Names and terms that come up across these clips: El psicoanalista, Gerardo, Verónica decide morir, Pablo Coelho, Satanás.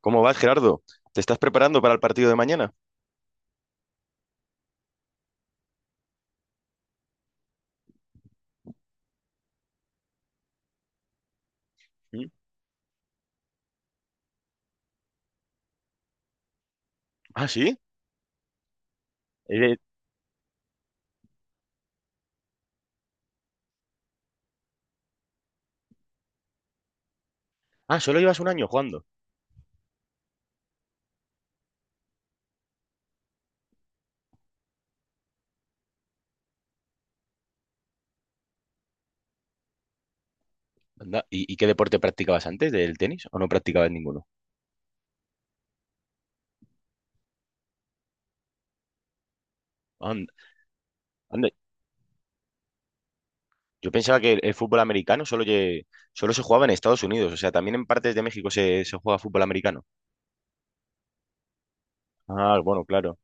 ¿Cómo vas, Gerardo? ¿Te estás preparando para el partido de mañana? ¿Mm? Ah, sí. Eh, ah, solo llevas un año jugando. Anda. ¿Y qué deporte practicabas antes del tenis o no practicabas ninguno? Anda, anda. Yo pensaba que el fútbol americano solo se jugaba en Estados Unidos. O sea, también en partes de México se juega fútbol americano. Ah, bueno, claro.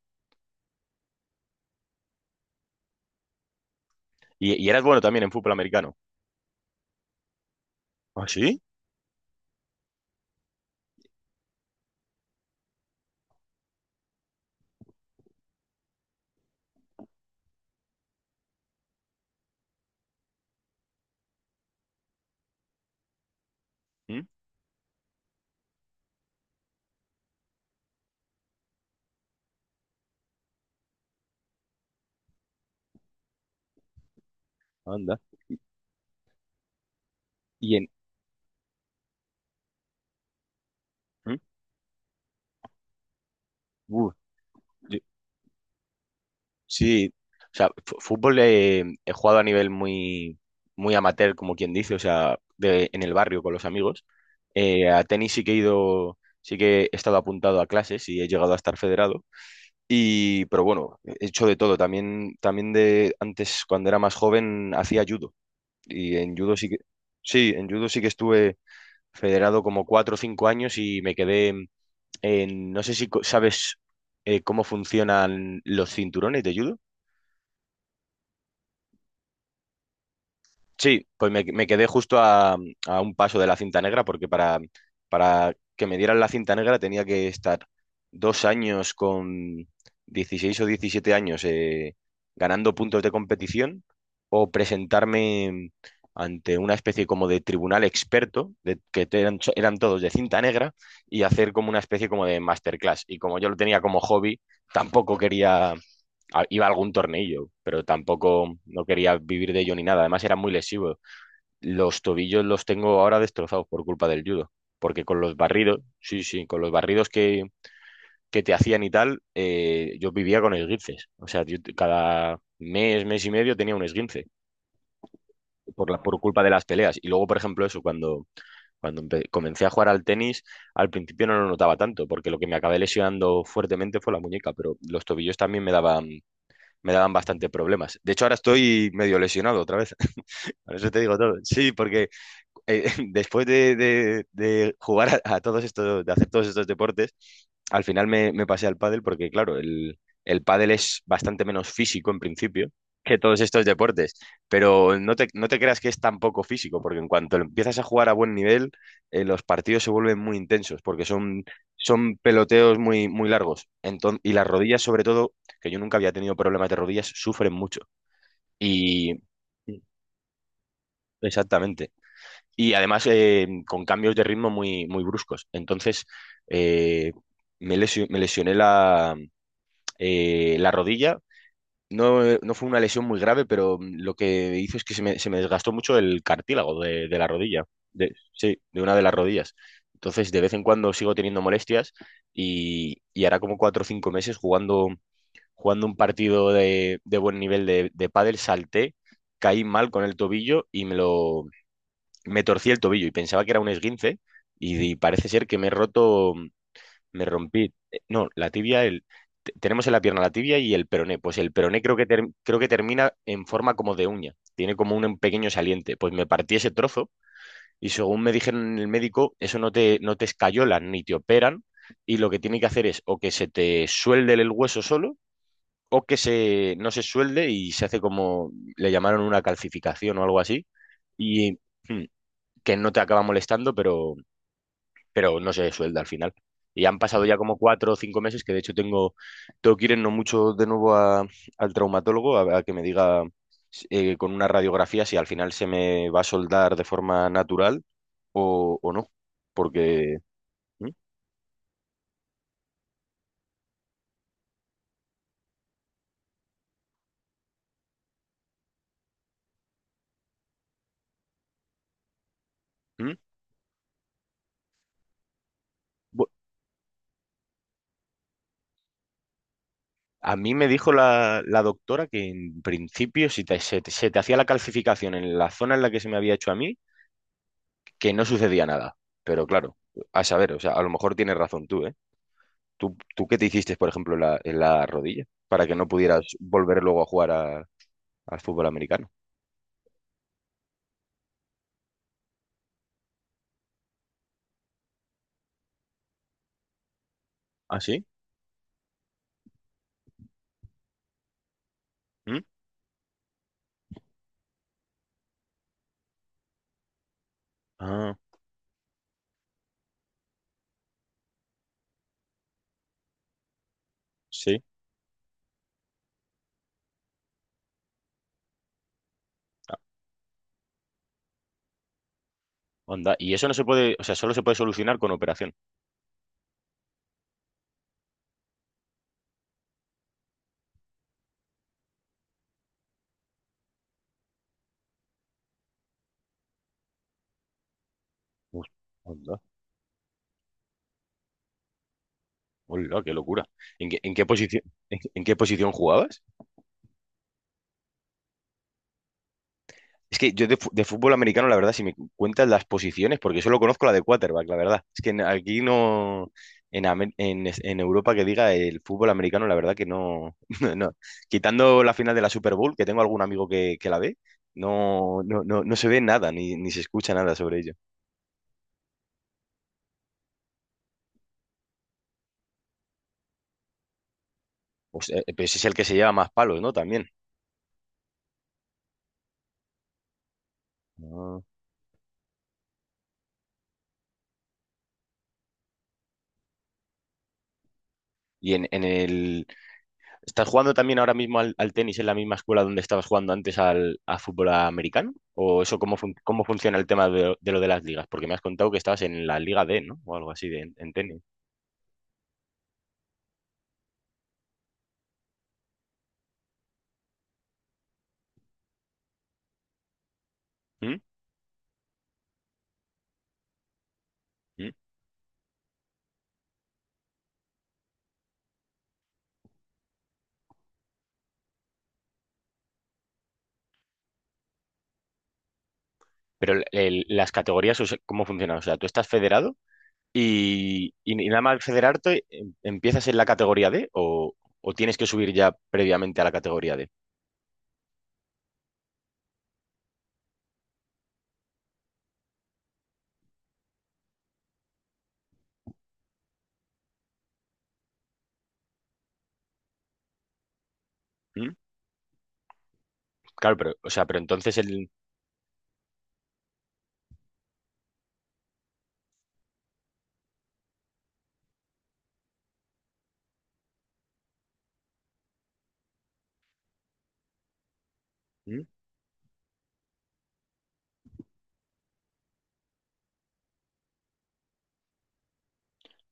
Y eras bueno también en fútbol americano. Ah, sí. ¿Mm? Anda. Y en... ¿Mm? Uh, Sí, o sea, fútbol he jugado a nivel muy amateur, como quien dice. O sea, en el barrio con los amigos. A tenis sí que he ido, sí que he estado apuntado a clases y he llegado a estar federado. Y pero bueno, he hecho de todo. También, también de antes, cuando era más joven, hacía judo. Y en judo sí que, sí, en judo sí que estuve federado como cuatro o cinco años, y me quedé en, no sé si sabes cómo funcionan los cinturones de judo. Sí, pues me quedé justo a un paso de la cinta negra, porque para que me dieran la cinta negra tenía que estar dos años con 16 o 17 años ganando puntos de competición, o presentarme ante una especie como de tribunal experto, de, que eran, eran todos de cinta negra, y hacer como una especie como de masterclass. Y como yo lo tenía como hobby, tampoco quería iba algún tornillo, pero tampoco no quería vivir de ello ni nada. Además, era muy lesivo. Los tobillos los tengo ahora destrozados por culpa del judo, porque con los barridos, sí, sí, con los barridos que te hacían y tal, yo vivía con esguinces. O sea, yo cada mes, mes y medio tenía un esguince por la, por culpa de las peleas. Y luego, por ejemplo, eso, cuando, cuando comencé a jugar al tenis, al principio no lo notaba tanto, porque lo que me acabé lesionando fuertemente fue la muñeca, pero los tobillos también me daban bastante problemas. De hecho, ahora estoy medio lesionado otra vez. Por eso te digo todo. Sí, porque después de, de jugar a todos estos, de hacer todos estos deportes, al final me pasé al pádel porque, claro, el pádel es bastante menos físico en principio que todos estos deportes, pero no te, no te creas que es tan poco físico, porque en cuanto empiezas a jugar a buen nivel, los partidos se vuelven muy intensos porque son, son peloteos muy largos. Y las rodillas, sobre todo, que yo nunca había tenido problemas de rodillas, sufren mucho. Y exactamente. Y además con cambios de ritmo muy bruscos. Entonces eh, me, me lesioné la, la rodilla. No, no fue una lesión muy grave, pero lo que hizo es que se me desgastó mucho el cartílago de la rodilla. De, sí, de una de las rodillas. Entonces de vez en cuando sigo teniendo molestias, y hará como cuatro o cinco meses jugando, jugando un partido de buen nivel de pádel, salté, caí mal con el tobillo me torcí el tobillo y pensaba que era un esguince, y parece ser que me he roto, me rompí, no, la tibia, el, tenemos en la pierna la tibia y el peroné. Pues el peroné creo que, creo que termina en forma como de uña, tiene como un pequeño saliente, pues me partí ese trozo. Y según me dijeron el médico, eso no te, no te escayolan ni te operan, y lo que tiene que hacer es o que se te suelde el hueso solo, o que se, no se suelde y se hace como, le llamaron una calcificación o algo así. Y hmm, que no te acaba molestando, pero no se suelda al final. Y han pasado ya como cuatro o cinco meses, que de hecho tengo, tengo que ir en no mucho de nuevo al traumatólogo a que me diga con una radiografía si al final se me va a soldar de forma natural o no. Porque ¿mm? ¿Mm? Bu- a mí me dijo la, la doctora que en principio si se te hacía la calcificación en la zona en la que se me había hecho a mí, que no sucedía nada. Pero claro, a saber, o sea, a lo mejor tienes razón tú, ¿eh? ¿Tú qué te hiciste, por ejemplo, en la rodilla para que no pudieras volver luego a jugar al fútbol americano? ¿Ah, sí? ¿Mm? Ah, sí. Ah, onda. Y eso no se puede, o sea, solo se puede solucionar con operación. Uf, onda. Hola, qué locura. ¿En qué, en qué posición, en qué posición jugabas? Es que yo de, de fútbol americano, la verdad, si me cuentas las posiciones, porque solo conozco la de quarterback, la verdad. Es que aquí no, en, en Europa que diga el fútbol americano, la verdad que no, no, no. Quitando la final de la Super Bowl, que tengo algún amigo que la ve, no, no, no, no se ve nada, ni, ni se escucha nada sobre ello. Pues, pues es el que se lleva más palos, ¿no? También. Ah. Y en el, ¿estás jugando también ahora mismo al, al tenis en la misma escuela donde estabas jugando antes al a fútbol americano? ¿O eso cómo, cómo funciona el tema de lo de las ligas? Porque me has contado que estabas en la Liga D, ¿no? O algo así de, en tenis. ¿Mm? ¿Mm? Pero las categorías, o sea, ¿cómo funcionan? O sea, ¿tú estás federado y nada más federarte empiezas en la categoría D? ¿O o tienes que subir ya previamente a la categoría D? ¿Mm? Claro, pero, o sea, pero entonces el... ¿Mm?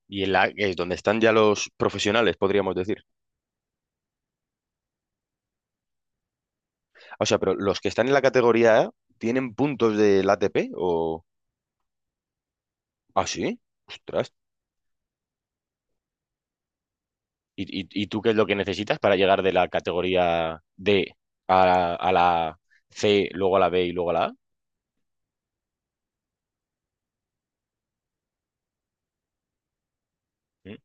Y en la, que es donde están ya los profesionales, podríamos decir. O sea, pero los que están en la categoría A tienen puntos del ATP o... Ah, sí. Ostras. ¿Y, y tú qué es lo que necesitas para llegar de la categoría D a la C, luego a la B y luego a la A? Mm,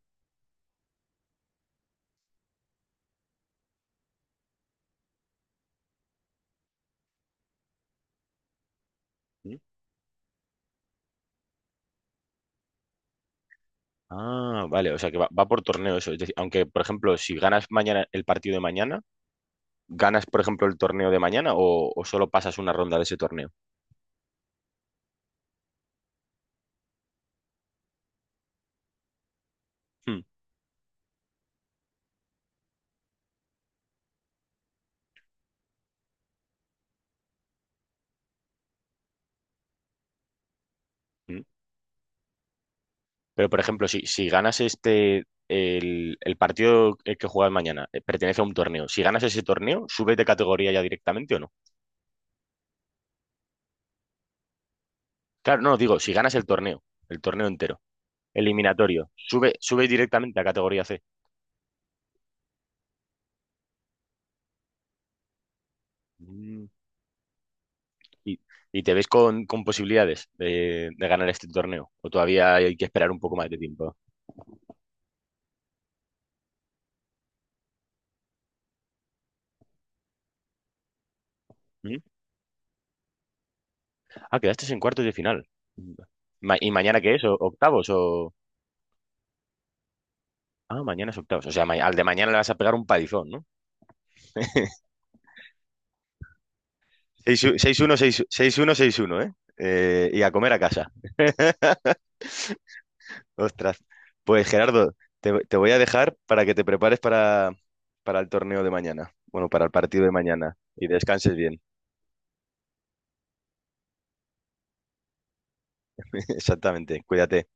mm. Ah, vale, o sea que va, va por torneo eso. Es decir, aunque, por ejemplo, si ganas mañana el partido de mañana, ¿ganas, por ejemplo, el torneo de mañana o solo pasas una ronda de ese torneo? Hmm, hmm. Pero, por ejemplo, si, si ganas este, el partido el que juegas mañana, pertenece a un torneo. Si ganas ese torneo, ¿subes de categoría ya directamente o no? Claro, no, digo, si ganas el torneo entero, eliminatorio, sube, sube directamente a categoría C. Mm. Y, y te ves con posibilidades de ganar este torneo. O todavía hay que esperar un poco más de tiempo. Mm. Ah, quedaste en cuartos de final. Ma- ¿y mañana qué es? ¿O- octavos o...? Ah, mañana es octavos. O sea, ma- al de mañana le vas a pegar un palizón, ¿no? 6-1, 6-1, ¿eh? Y a comer a casa. Ostras. Pues Gerardo, te voy a dejar para que te prepares para el torneo de mañana. Bueno, para el partido de mañana. Y descanses bien. Exactamente. Cuídate.